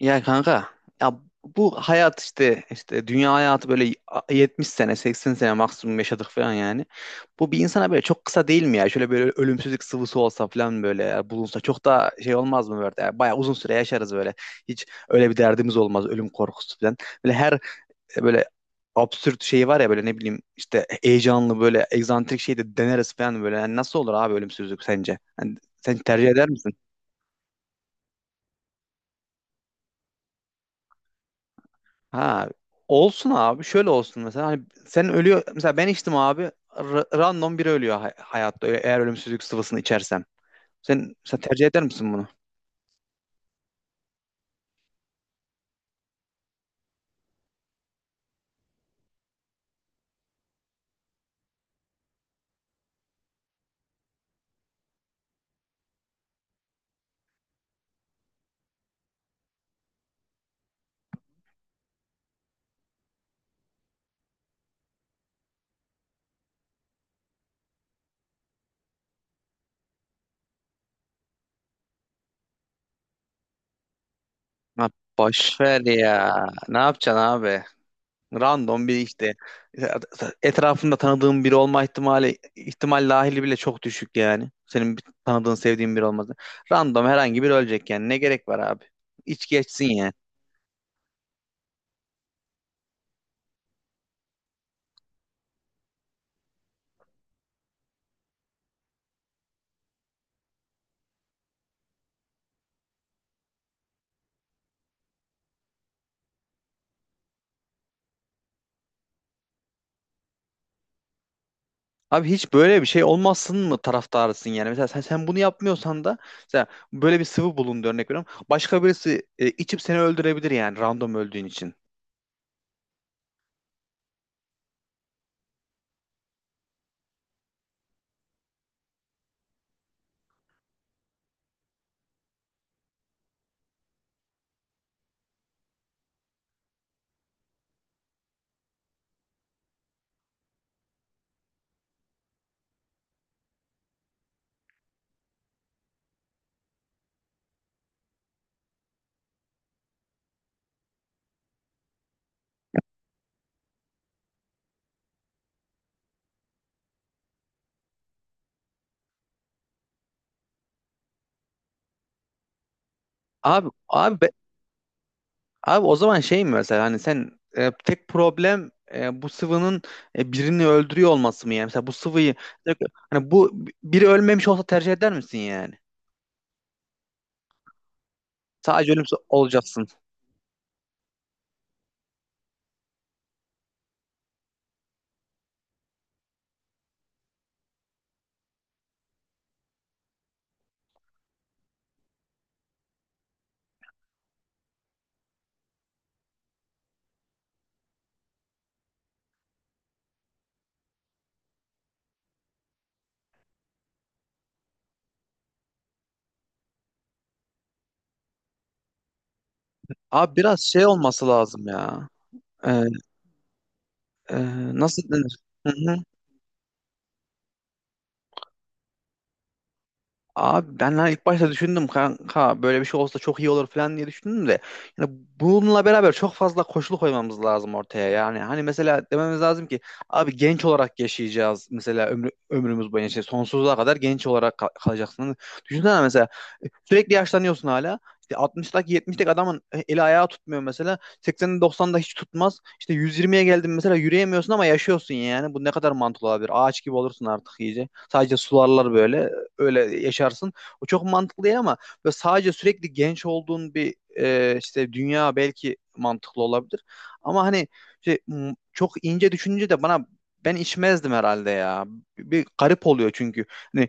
Ya kanka ya bu hayat işte dünya hayatı böyle 70 sene 80 sene maksimum yaşadık falan yani. Bu bir insana böyle çok kısa değil mi ya? Şöyle böyle ölümsüzlük sıvısı olsa falan böyle ya, bulunsa çok da şey olmaz mı böyle? Yani bayağı uzun süre yaşarız böyle. Hiç öyle bir derdimiz olmaz, ölüm korkusu falan. Böyle her böyle absürt şey var ya, böyle ne bileyim işte heyecanlı, böyle egzantrik şey de deneriz falan böyle. Yani nasıl olur abi ölümsüzlük sence? Yani sen tercih eder misin? Ha, olsun abi, şöyle olsun mesela, hani sen ölüyor mesela, ben içtim abi, random biri ölüyor hayatta eğer ölümsüzlük sıvısını içersem. Sen mesela tercih eder misin bunu? Ha, boş ver ya. Ne yapacaksın abi? Random biri işte. Etrafında tanıdığın biri olma ihtimali, ihtimal dahili bile çok düşük yani. Senin bir tanıdığın, sevdiğin biri olması. Random herhangi biri ölecek yani. Ne gerek var abi? İç geçsin ya. Abi, hiç böyle bir şey olmasın mı taraftarısın yani? Mesela sen bunu yapmıyorsan da mesela böyle bir sıvı bulundu, örnek veriyorum. Başka birisi içip seni öldürebilir yani, random öldüğün için. Abi abi be- Abi, o zaman şey mi mesela, hani sen, tek problem, bu sıvının birini öldürüyor olması mı yani? Mesela bu sıvıyı, hani bu, biri ölmemiş olsa tercih eder misin yani? Sadece ölümsüz olacaksın. Abi biraz şey olması lazım ya. Ee, e, Nasıl denir? Hı hı. Abi ben hani ilk başta düşündüm kanka, böyle bir şey olsa çok iyi olur falan diye düşündüm de, yani bununla beraber çok fazla koşul koymamız lazım ortaya. Yani hani mesela dememiz lazım ki abi, genç olarak yaşayacağız, mesela ömrümüz boyunca işte sonsuza kadar genç olarak kalacaksın. Hani düşünsene mesela, sürekli yaşlanıyorsun hala işte, 60'daki 70'deki adamın eli ayağı tutmuyor, mesela 80'de 90'da hiç tutmaz işte, 120'ye geldin mesela yürüyemiyorsun ama yaşıyorsun. Yani bu ne kadar mantıklı olabilir? Ağaç gibi olursun artık iyice, sadece sularlar böyle, öyle yaşarsın. O çok mantıklı değil ama böyle sadece sürekli genç olduğun bir işte dünya belki mantıklı olabilir. Ama hani şey, çok ince düşününce de ben içmezdim herhalde ya. Bir garip oluyor çünkü. Hani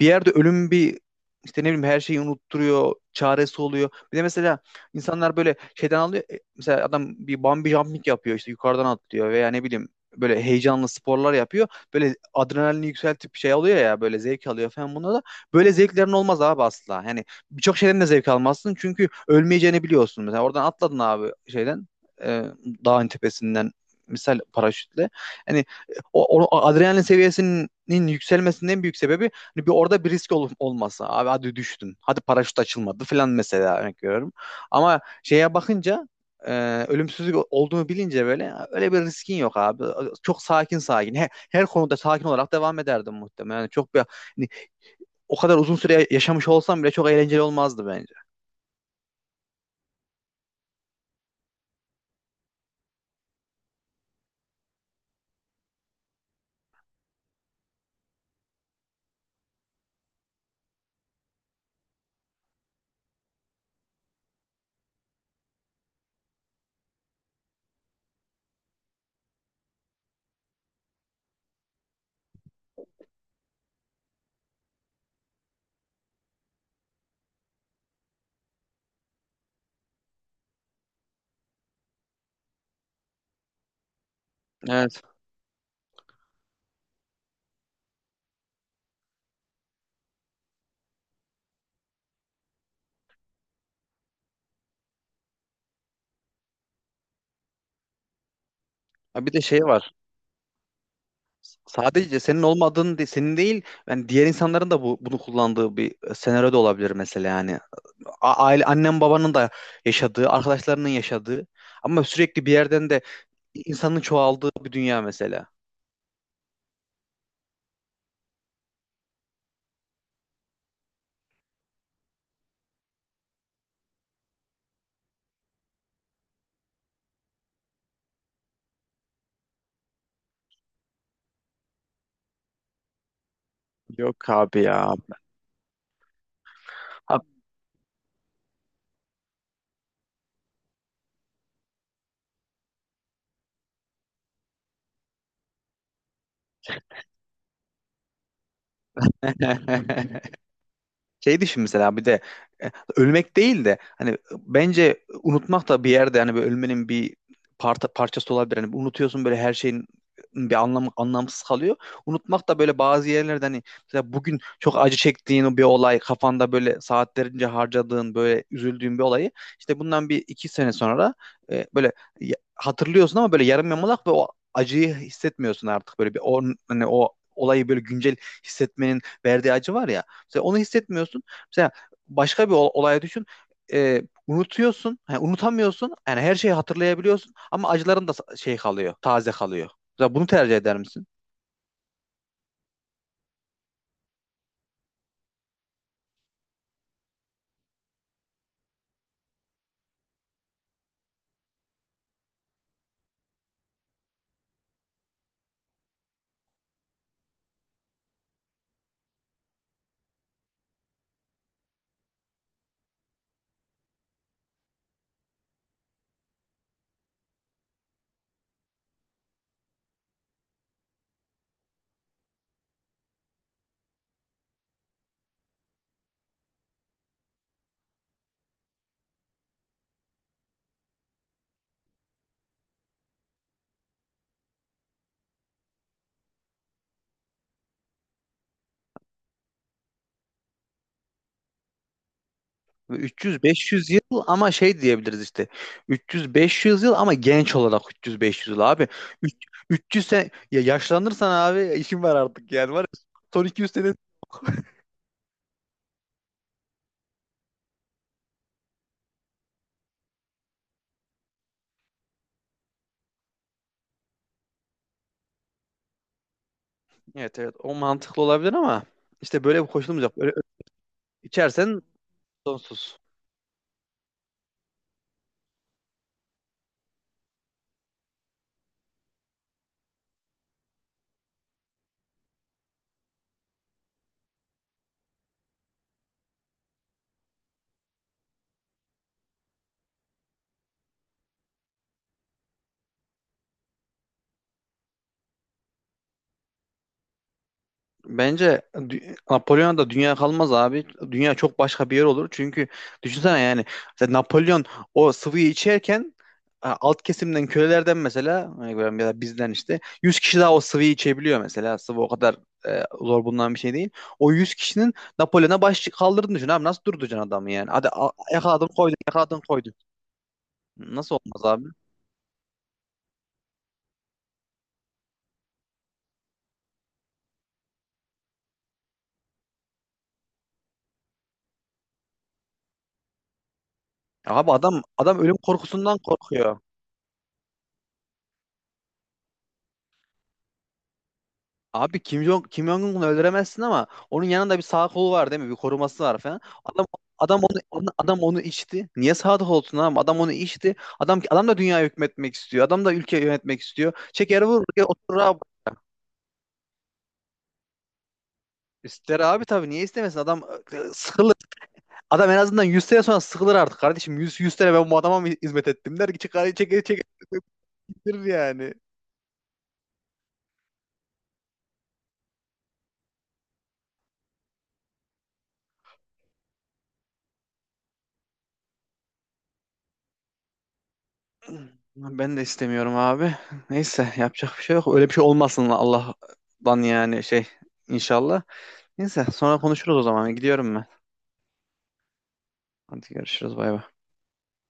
bir yerde ölüm bir, işte ne bileyim, her şeyi unutturuyor, çaresi oluyor. Bir de mesela insanlar böyle şeyden alıyor. Mesela adam bir bungee jumping yapıyor işte, yukarıdan atlıyor veya ne bileyim böyle heyecanlı sporlar yapıyor. Böyle adrenalini yükseltip şey alıyor ya, böyle zevk alıyor falan buna da. Böyle zevklerin olmaz abi, asla. Yani birçok şeyden de zevk almazsın çünkü ölmeyeceğini biliyorsun. Mesela oradan atladın abi, şeyden, e, dağın tepesinden, misal paraşütle. Hani o adrenalin seviyesinin yükselmesinin en büyük sebebi, hani bir, orada bir risk olmasa abi, hadi düştün, hadi paraşüt açılmadı falan, mesela örnek veriyorum. Ama şeye bakınca, e, ölümsüzlük olduğunu bilince böyle, öyle bir riskin yok abi. Çok sakin sakin. Her konuda sakin olarak devam ederdim muhtemelen. Yani çok bir, hani, o kadar uzun süre yaşamış olsam bile çok eğlenceli olmazdı bence. Evet. Ha, bir de şey var. Sadece senin olmadığın, senin değil, yani diğer insanların da bunu kullandığı bir senaryo da olabilir mesela yani. Aile, annem babanın da yaşadığı, arkadaşlarının yaşadığı ama sürekli bir yerden de insanın çoğaldığı bir dünya mesela. Yok abi ya. Şey düşün mesela, bir de e, ölmek değil de, hani bence unutmak da bir yerde, hani böyle ölmenin bir parçası olabilir. Hani unutuyorsun, böyle her şeyin bir anlamı, anlamsız kalıyor. Unutmak da böyle bazı yerlerde, hani mesela bugün çok acı çektiğin o bir olay, kafanda böyle saatlerince harcadığın, böyle üzüldüğün bir olayı, işte bundan bir iki sene sonra böyle hatırlıyorsun ama böyle yarım yamalak, ve o acıyı hissetmiyorsun artık. Böyle bir hani o olayı böyle güncel hissetmenin verdiği acı var ya, mesela onu hissetmiyorsun. Mesela başka bir olay düşün. Ee, Unutuyorsun. Yani unutamıyorsun. Yani her şeyi hatırlayabiliyorsun ama acıların da şey kalıyor, taze kalıyor. Mesela bunu tercih eder misin? 300-500 yıl, ama şey diyebiliriz işte. 300-500 yıl ama genç olarak, 300-500 yıl abi. Üç- 300 sen ya yaşlanırsan abi işin var artık, yani var, ya. Son 200 sene... Evet evet, o mantıklı olabilir ama işte böyle bir koşulumuz yok. Böyle içersen sonsuz. Bence Napolyon'a da dünya kalmaz abi. Dünya çok başka bir yer olur. Çünkü düşünsene yani, mesela Napolyon o sıvıyı içerken, alt kesimden kölelerden mesela, ya da bizden işte 100 kişi daha o sıvıyı içebiliyor mesela. Sıvı o kadar zor bulunan bir şey değil. O 100 kişinin Napolyon'a baş kaldırdığını düşün abi. Nasıl durduracaksın adamı yani? Hadi yakaladın koydun, yakaladın koydun. Nasıl olmaz abi? Abi adam ölüm korkusundan korkuyor. Abi Kim Jong-un'u öldüremezsin ama onun yanında bir sağ kolu var değil mi? Bir koruması var falan. Adam adam onu içti. Niye sağ kol olsun adam? Adam onu içti. Adam da dünya hükmetmek istiyor. Adam da ülke yönetmek istiyor. Çeker vur ya otur abi. İster abi tabii, niye istemesin? Adam sıkılır. Adam en azından 100 sene sonra sıkılır artık kardeşim. Yüz sene ben bu adama mı hizmet ettim der ki çıkar çeker çeker bitirir yani. Ben de istemiyorum abi. Neyse, yapacak bir şey yok. Öyle bir şey olmasın Allah'tan, yani şey, inşallah. Neyse, sonra konuşuruz o zaman. Gidiyorum ben. Hadi görüşürüz. Bay bay.